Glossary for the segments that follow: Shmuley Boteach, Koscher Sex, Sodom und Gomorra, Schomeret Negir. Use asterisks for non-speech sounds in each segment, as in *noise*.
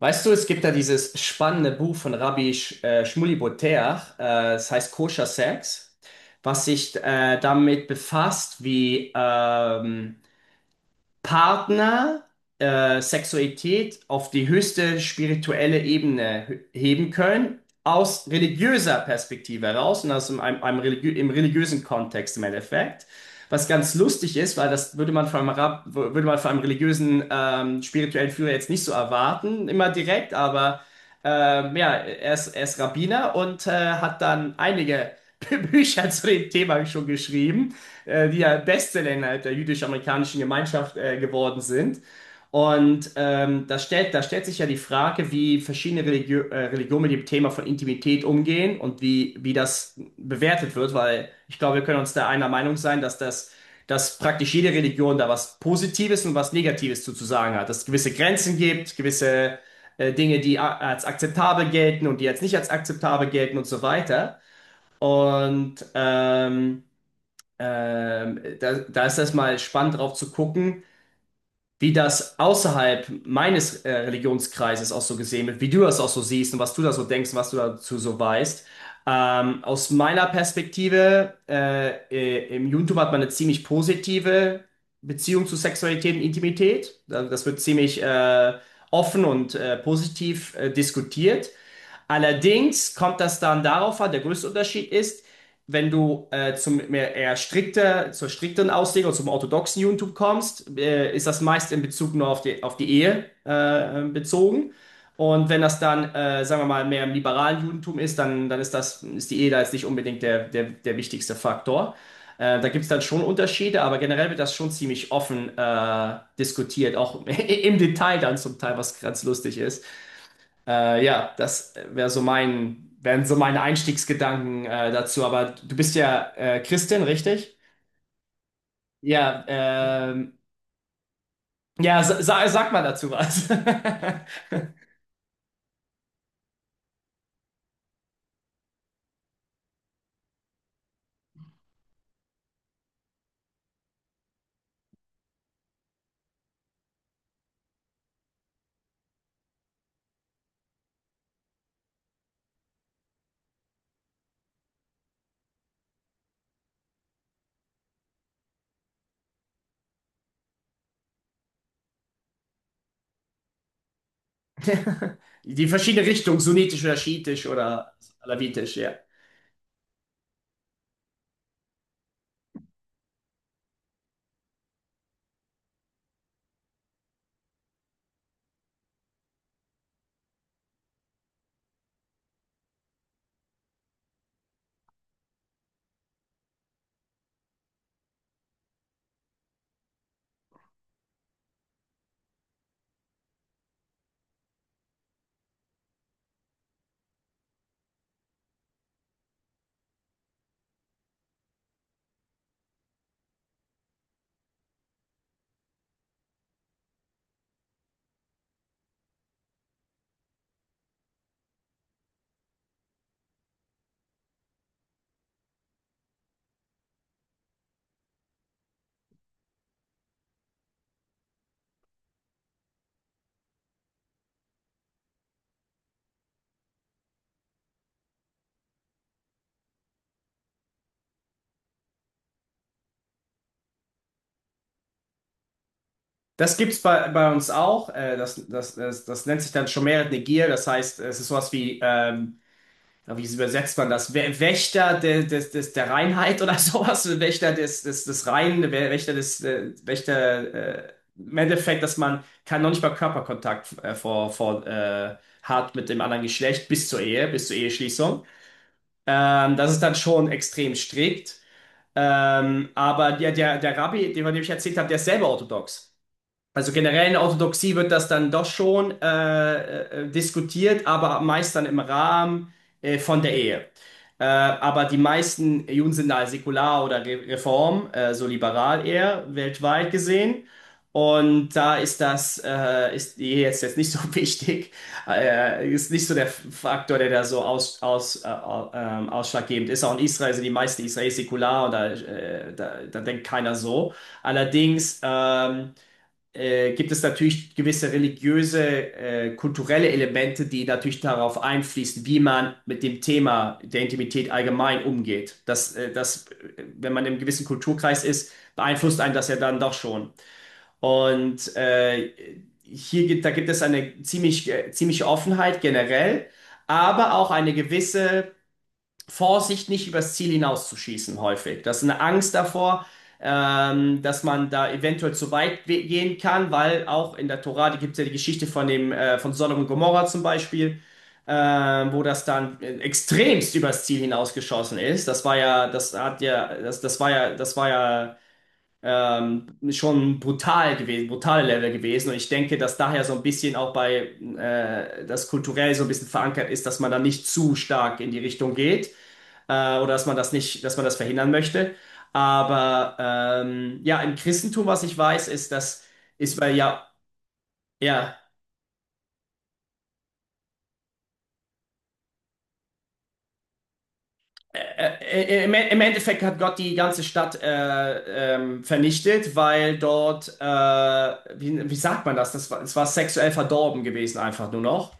Weißt du, es gibt da dieses spannende Buch von Rabbi Sh Shmuley Boteach. Es heißt Koscher Sex, was sich damit befasst, wie, Partner, Sexualität auf die höchste spirituelle Ebene heben können, aus religiöser Perspektive heraus und aus einem religiösen Kontext im Endeffekt. Was ganz lustig ist, weil das würde man von einem religiösen, spirituellen Führer jetzt nicht so erwarten, immer direkt, aber ja, er ist Rabbiner und hat dann einige *laughs* Bücher zu dem Thema schon geschrieben, die ja Bestseller innerhalb der jüdisch-amerikanischen Gemeinschaft geworden sind. Und da stellt sich ja die Frage, wie verschiedene Religionen mit dem Thema von Intimität umgehen und wie das bewertet wird, weil ich glaube, wir können uns da einer Meinung sein, dass praktisch jede Religion da was Positives und was Negatives zu sagen hat, dass es gewisse Grenzen gibt, gewisse Dinge, die als akzeptabel gelten und die als nicht als akzeptabel gelten und so weiter. Und da ist das mal spannend drauf zu gucken, wie das außerhalb meines Religionskreises auch so gesehen wird, wie du das auch so siehst und was du da so denkst und was du dazu so weißt. Aus meiner Perspektive, im Judentum hat man eine ziemlich positive Beziehung zu Sexualität und Intimität. Das wird ziemlich offen und positiv diskutiert. Allerdings kommt das dann darauf an, der größte Unterschied ist, wenn du zum mehr eher strikter, zur strikteren Auslegung, zum orthodoxen Judentum kommst, ist das meist in Bezug nur auf die Ehe bezogen. Und wenn das dann, sagen wir mal, mehr im liberalen Judentum ist, dann ist das, ist die Ehe da jetzt nicht unbedingt der wichtigste Faktor. Da gibt es dann schon Unterschiede, aber generell wird das schon ziemlich offen diskutiert, auch *laughs* im Detail dann zum Teil, was ganz lustig ist. Das wären so meine Einstiegsgedanken dazu. Aber du bist ja Christin, richtig? Ja, ja, sag mal dazu was. *laughs* Die verschiedene Richtung, sunnitisch oder schiitisch oder alawitisch, ja. Das gibt's bei uns auch. Das nennt sich dann Schomeret Negir. Das heißt, es ist sowas wie aber wie übersetzt man das? Wächter der Reinheit oder *laughs* sowas? Wächter des Reinen, Wächter, im Endeffekt, dass man kann noch nicht mal Körperkontakt hat mit dem anderen Geschlecht bis zur Ehe, bis zur Eheschließung. Das ist dann schon extrem strikt. Aber der Rabbi, den, von dem ich erzählt habe, der ist selber orthodox. Also generell in der Orthodoxie wird das dann doch schon diskutiert, aber meist dann im Rahmen von der Ehe. Aber die meisten Juden sind da säkular oder Re Reform, so liberal eher, weltweit gesehen. Und da ist das, ist die Ehe jetzt nicht so *laughs* wichtig, ist nicht so der Faktor, der da so ausschlaggebend ist. Auch in Israel sind die meisten Israelis säkular und da denkt keiner so. Allerdings, gibt es natürlich gewisse religiöse, kulturelle Elemente, die natürlich darauf einfließen, wie man mit dem Thema der Intimität allgemein umgeht. Wenn man im gewissen Kulturkreis ist, beeinflusst einen das ja dann doch schon. Und da gibt es eine ziemliche Offenheit generell, aber auch eine gewisse Vorsicht, nicht übers Ziel hinauszuschießen, häufig. Das ist eine Angst davor, dass man da eventuell zu weit gehen kann, weil auch in der Tora, die gibt es ja die Geschichte von von Sodom und Gomorra zum Beispiel, äh, wo das dann extremst übers Ziel hinausgeschossen ist. Das war ja, das hat ja, das, das war ja Schon brutal gewesen, brutale Level gewesen. Und ich denke, dass daher so ein bisschen auch das kulturell so ein bisschen verankert ist, dass man da nicht zu stark in die Richtung geht oder dass man das nicht, dass man das verhindern möchte. Aber ja, im Christentum, was ich weiß, ist, dass ist weil ja, ja. Im Endeffekt hat Gott die ganze Stadt vernichtet, weil dort, wie sagt man das? Es war sexuell verdorben gewesen, einfach nur noch.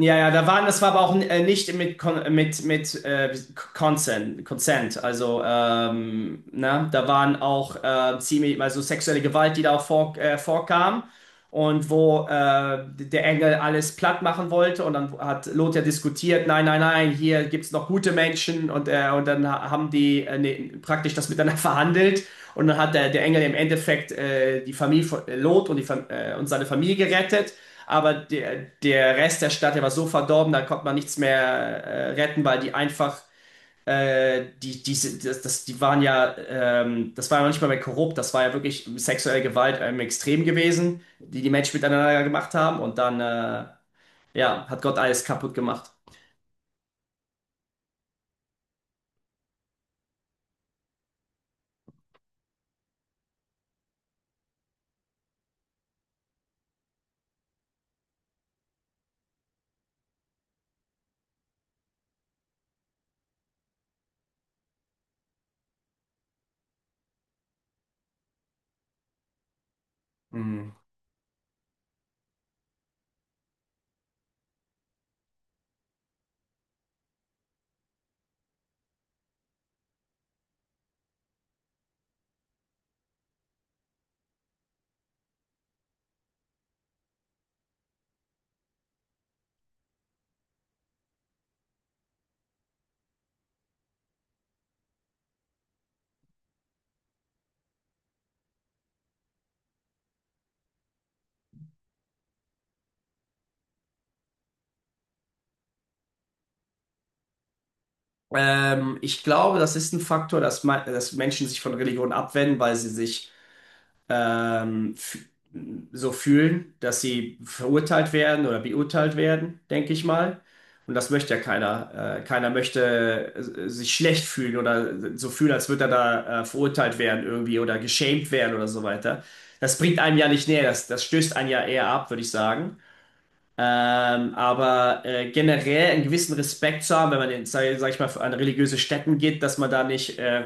Das war aber auch nicht mit Consent. Also ne, da waren auch ziemlich, also sexuelle Gewalt, die da auch vorkam und wo der Engel alles platt machen wollte und dann hat Lot ja diskutiert, nein, nein, nein, hier gibt's noch gute Menschen und dann haben die ne, praktisch das miteinander *laughs* verhandelt und dann hat der Engel im Endeffekt die Familie von Lot und die und seine Familie gerettet. Aber der Rest der Stadt, der war so verdorben, da konnte man nichts mehr retten, weil die einfach, die waren ja, das war ja noch nicht mal mehr korrupt, das war ja wirklich sexuelle Gewalt im Extrem gewesen, die die Menschen miteinander gemacht haben und dann, ja, hat Gott alles kaputt gemacht. Mhm. Ich glaube, das ist ein Faktor, dass Menschen sich von Religion abwenden, weil sie sich ähm, f- so fühlen, dass sie verurteilt werden oder beurteilt werden, denke ich mal. Und das möchte ja keiner. Keiner möchte sich schlecht fühlen oder so fühlen, als würde er da verurteilt werden irgendwie oder geschämt werden oder so weiter. Das bringt einem ja nicht näher, das stößt einen ja eher ab, würde ich sagen. Generell einen gewissen Respekt zu haben, wenn man in, sag ich mal, an religiöse Stätten geht, dass man da nicht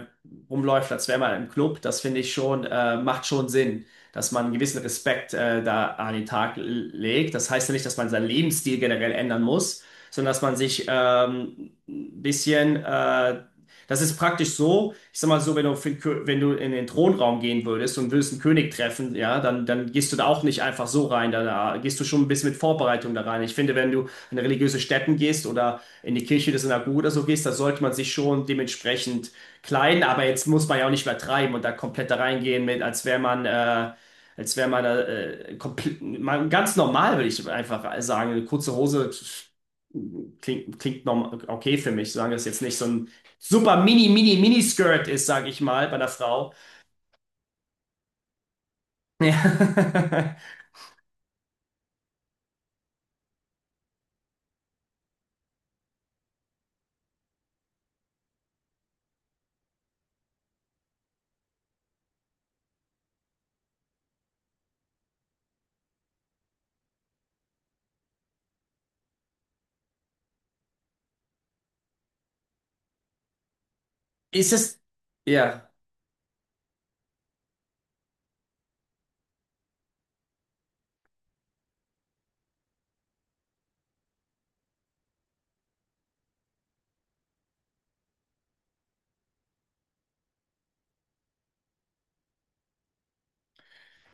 rumläuft, als wäre man im Club, das finde ich schon, macht schon Sinn, dass man einen gewissen Respekt da an den Tag legt. Das heißt ja nicht, dass man seinen Lebensstil generell ändern muss, sondern dass man sich ein bisschen das ist praktisch so, ich sag mal so, wenn du, für den wenn du in den Thronraum gehen würdest und würdest einen König treffen, ja, dann gehst du da auch nicht einfach so rein, da gehst du schon ein bisschen mit Vorbereitung da rein. Ich finde, wenn du in religiöse Stätten gehst oder in die Kirche der Synagoge oder so gehst, da sollte man sich schon dementsprechend kleiden, aber jetzt muss man ja auch nicht übertreiben und da komplett da reingehen mit, als wäre man, als wäre man, komplett, man ganz normal, würde ich einfach sagen, eine kurze Hose. Klingt normal, okay für mich, solange das jetzt nicht so ein super mini, mini, mini Skirt ist, sag ich mal, bei der Frau. Ja. *laughs* Ist es, ja.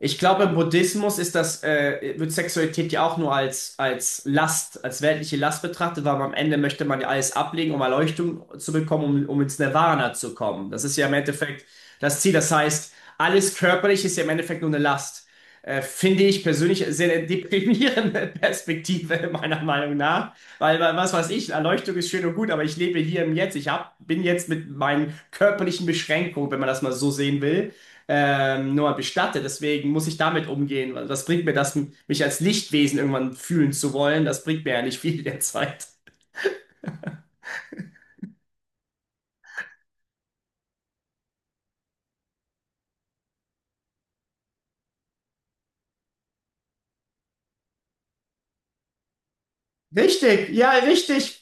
Ich glaube, im Buddhismus ist wird Sexualität ja auch nur als Last, als weltliche Last betrachtet, weil am Ende möchte man ja alles ablegen, um Erleuchtung zu bekommen, um ins Nirvana zu kommen. Das ist ja im Endeffekt das Ziel. Das heißt, alles Körperliche ist ja im Endeffekt nur eine Last. Finde ich persönlich sehr eine deprimierende *laughs* Perspektive, meiner Meinung nach. Was weiß ich, Erleuchtung ist schön und gut, aber ich lebe hier im Jetzt. Bin jetzt mit meinen körperlichen Beschränkungen, wenn man das mal so sehen will nur mal bestatte. Deswegen muss ich damit umgehen. Was bringt mir das, mich als Lichtwesen irgendwann fühlen zu wollen? Das bringt mir ja nicht viel derzeit. Richtig, ja, richtig.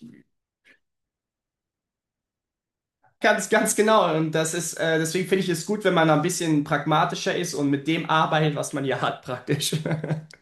Ganz, ganz genau. Und das ist, deswegen finde ich es gut, wenn man ein bisschen pragmatischer ist und mit dem arbeitet, was man hier hat, praktisch. *laughs*